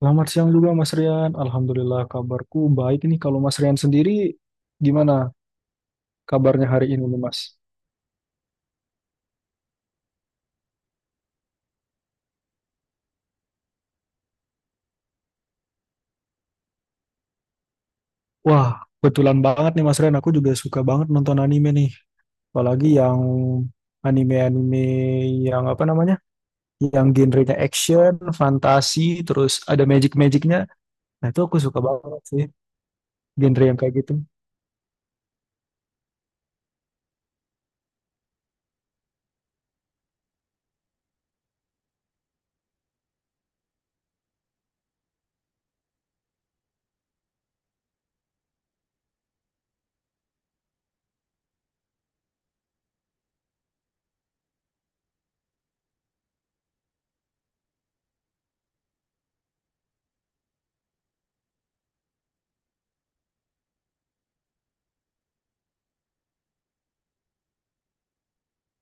Selamat siang juga Mas Rian. Alhamdulillah kabarku baik nih. Kalau Mas Rian sendiri gimana kabarnya hari ini nih Mas? Wah, kebetulan banget nih Mas Rian. Aku juga suka banget nonton anime nih. Apalagi yang anime-anime yang apa namanya? Yang genrenya action, fantasi, terus ada magic-magicnya. Nah itu aku suka banget sih genre yang kayak gitu.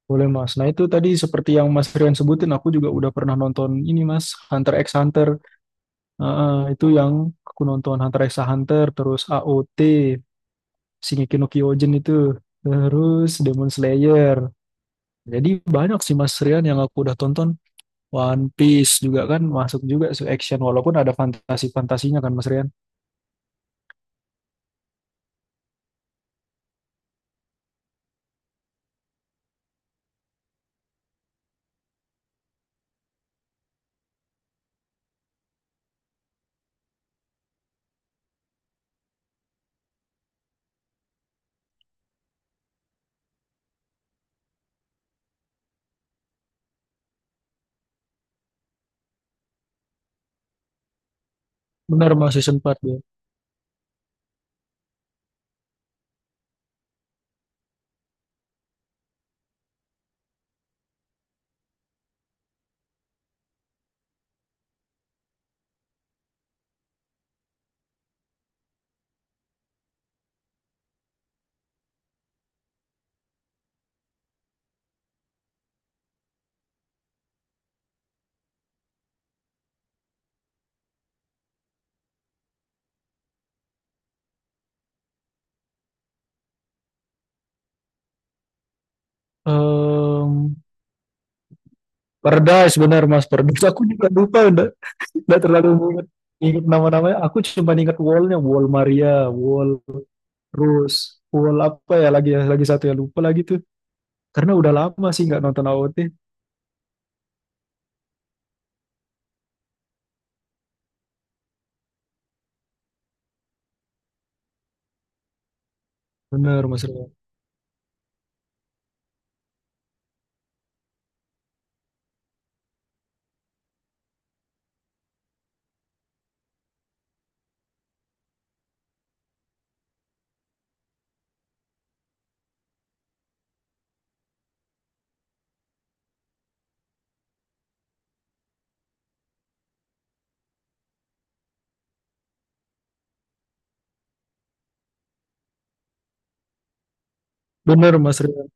Boleh Mas. Nah itu tadi seperti yang Mas Rian sebutin, aku juga udah pernah nonton ini Mas, Hunter x Hunter. Heeh, itu yang aku nonton Hunter x Hunter, terus AOT, Shingeki no Kyojin itu, terus Demon Slayer. Jadi banyak sih Mas Rian yang aku udah tonton. One Piece juga kan masuk juga su action walaupun ada fantasi-fantasinya kan Mas Rian. Benar Mas season 4 dia. Em, Paradise benar Mas Paradise. Aku juga lupa udah terlalu ingat ingat nama-namanya aku cuma ingat wallnya wall Maria wall Rose wall apa ya lagi satu ya lupa lagi tuh. Karena udah lama sih nggak nonton AOT. Bener Mas Rian. Bener Mas Rian.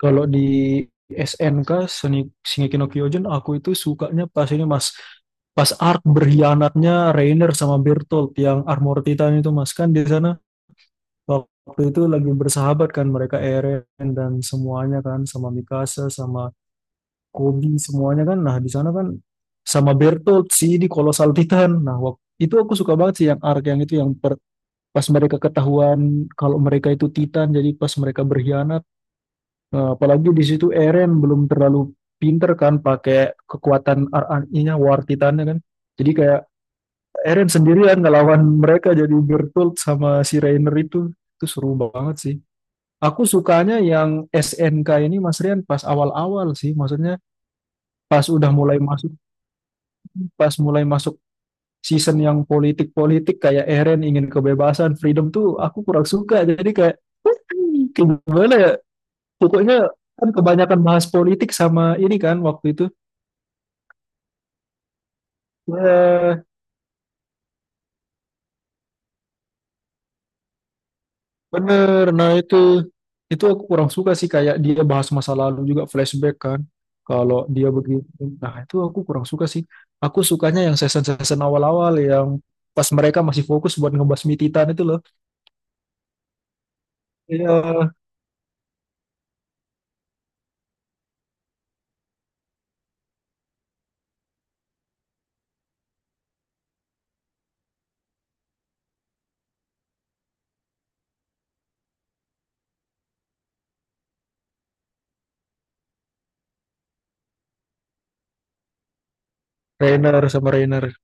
Kalau di SNK Seni Shingeki no Kyojin aku itu sukanya pas ini Mas pas arc berkhianatnya Reiner sama Bertolt yang Armor Titan itu Mas, kan di sana waktu itu lagi bersahabat kan mereka Eren dan semuanya kan sama Mikasa sama Kobi semuanya kan. Nah, di sana kan sama Bertolt sih di Kolosal Titan. Nah, waktu itu aku suka banget sih yang arc yang itu yang pas mereka ketahuan kalau mereka itu Titan jadi pas mereka berkhianat. Nah, apalagi di situ Eren belum terlalu pinter kan pakai kekuatan RNI-nya War Titannya kan, jadi kayak Eren sendirian ngelawan mereka jadi bertult sama si Reiner itu seru banget sih. Aku sukanya yang SNK ini Mas Rian pas awal-awal sih, maksudnya pas udah mulai masuk, pas masuk season yang politik-politik kayak Eren ingin kebebasan, freedom tuh aku kurang suka. Jadi kayak kayak gimana ya? Pokoknya kan kebanyakan bahas politik sama ini kan waktu itu. Ya bener. Nah itu aku kurang suka sih kayak dia bahas masa lalu juga flashback kan. Kalau dia begini, nah itu aku kurang suka sih. Aku sukanya yang season-season awal-awal yang pas mereka masih fokus buat ngebasmi Titan itu loh. Iya, Rainer sama Rainer.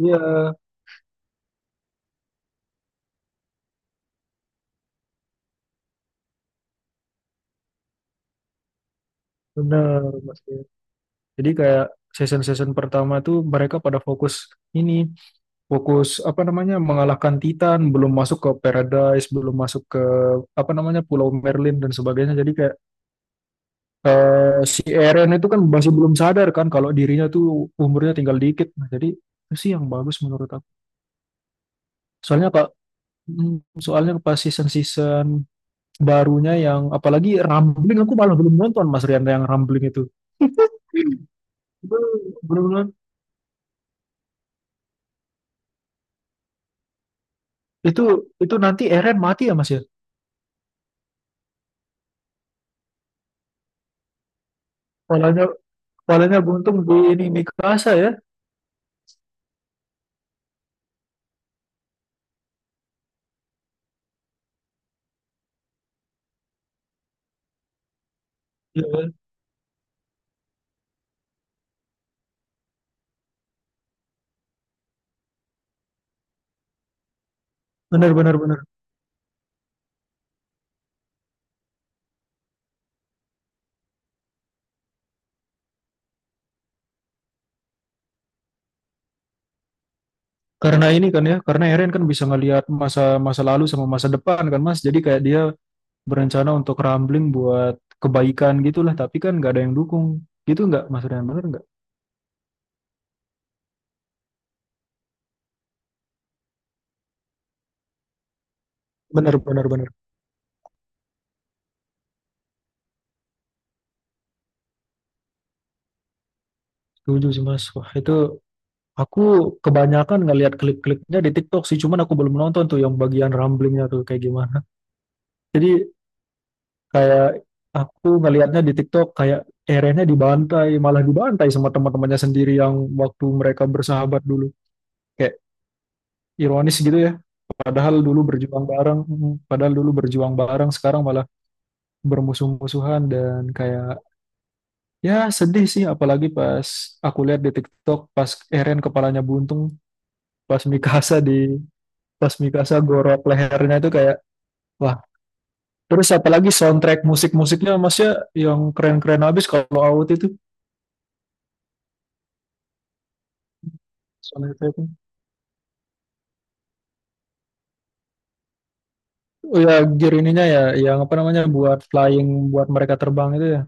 Iya, bener. Mas, jadi kayak season-season pertama tuh mereka pada fokus ini, fokus apa namanya mengalahkan Titan, belum masuk ke Paradise, belum masuk ke apa namanya Pulau Merlin dan sebagainya. Jadi kayak si Eren itu kan masih belum sadar kan kalau dirinya tuh umurnya tinggal dikit. Nah, jadi itu sih yang bagus menurut aku. Soalnya kak, soalnya pas season-season barunya yang apalagi Rambling aku malah belum nonton Mas Rian yang Rambling itu. Belum belum nonton. Itu itu nanti Eren mati ya Mas ya? Polanya Palinnya buntung di ini Mikasa ya. Iya, benar benar benar. Karena ini kan ya, karena Eren kan bisa ngelihat masa masa lalu sama masa depan kan Mas. Jadi kayak dia berencana untuk rambling buat kebaikan gitulah, tapi kan nggak ada yang dukung. Gitu nggak Mas Rian, benar nggak? Benar benar benar. Setuju sih Mas. Wah, itu aku kebanyakan ngelihat klip-klipnya di TikTok sih, cuman aku belum nonton tuh yang bagian ramblingnya tuh kayak gimana. Jadi kayak aku ngelihatnya di TikTok kayak Erennya dibantai, malah dibantai sama teman-temannya sendiri yang waktu mereka bersahabat dulu. Kayak ironis gitu ya. Padahal dulu berjuang bareng, padahal dulu berjuang bareng, sekarang malah bermusuh-musuhan dan kayak ya sedih sih. Apalagi pas aku lihat di TikTok pas Eren kepalanya buntung, pas Mikasa di pas Mikasa gorok lehernya itu kayak wah. Terus apalagi soundtrack musik-musiknya masnya yang keren-keren abis kalau AOT itu soundtrack. Oh ya gear ininya ya yang apa namanya buat flying buat mereka terbang itu ya.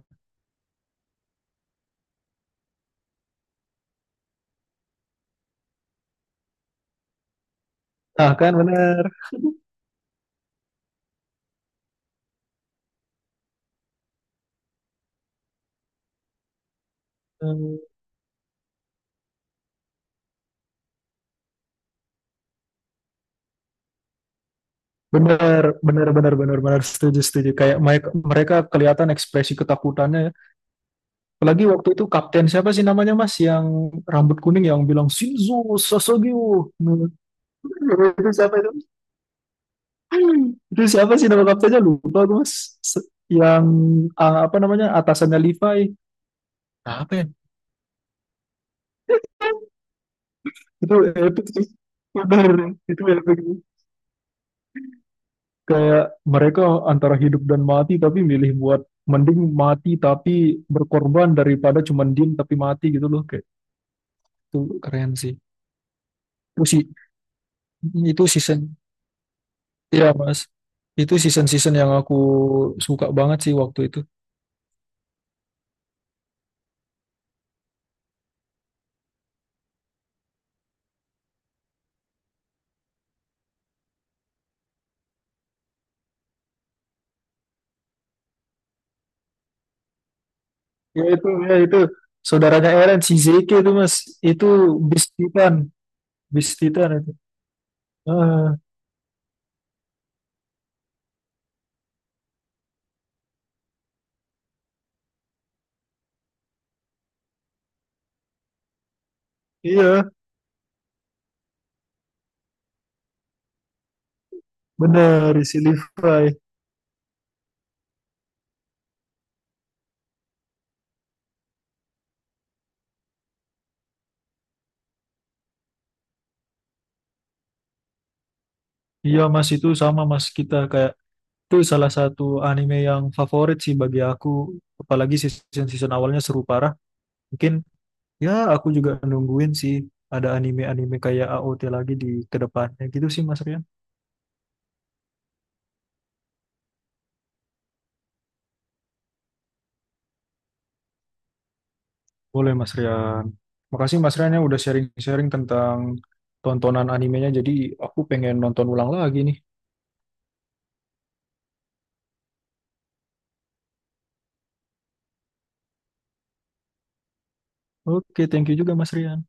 Nah kan bener. Hmm. Bener, bener, bener, bener, bener, setuju, setuju. Kayak mereka, mereka kelihatan ekspresi ketakutannya. Ya. Apalagi waktu itu kapten siapa sih namanya mas yang rambut kuning yang bilang Shinzo Sasageo. Itu siapa itu? Itu siapa sih nama kaptennya? Lupa gue mas. Se- Yang apa namanya atasannya Levi. Apa ya? Itu epic sih. Bener, itu epic. Kayak mereka antara hidup dan mati tapi milih buat mending mati tapi berkorban daripada cuman diem tapi mati gitu loh kayak itu keren sih itu season ya mas itu season-season yang aku suka banget sih waktu itu. Ya itu ya itu saudaranya Eren si Zeke itu mas itu Beast Titan. Beast Titan itu ah, iya bener si Levi. Iya mas itu sama mas kita kayak itu salah satu anime yang favorit sih bagi aku, apalagi season-season awalnya seru parah. Mungkin ya aku juga nungguin sih ada anime-anime kayak AOT lagi di kedepannya gitu sih Mas Rian. Boleh Mas Rian. Makasih Mas Rian ya udah sharing-sharing tentang tontonan animenya, jadi aku pengen nonton ulang lagi nih. Oke, thank you juga Mas Rian.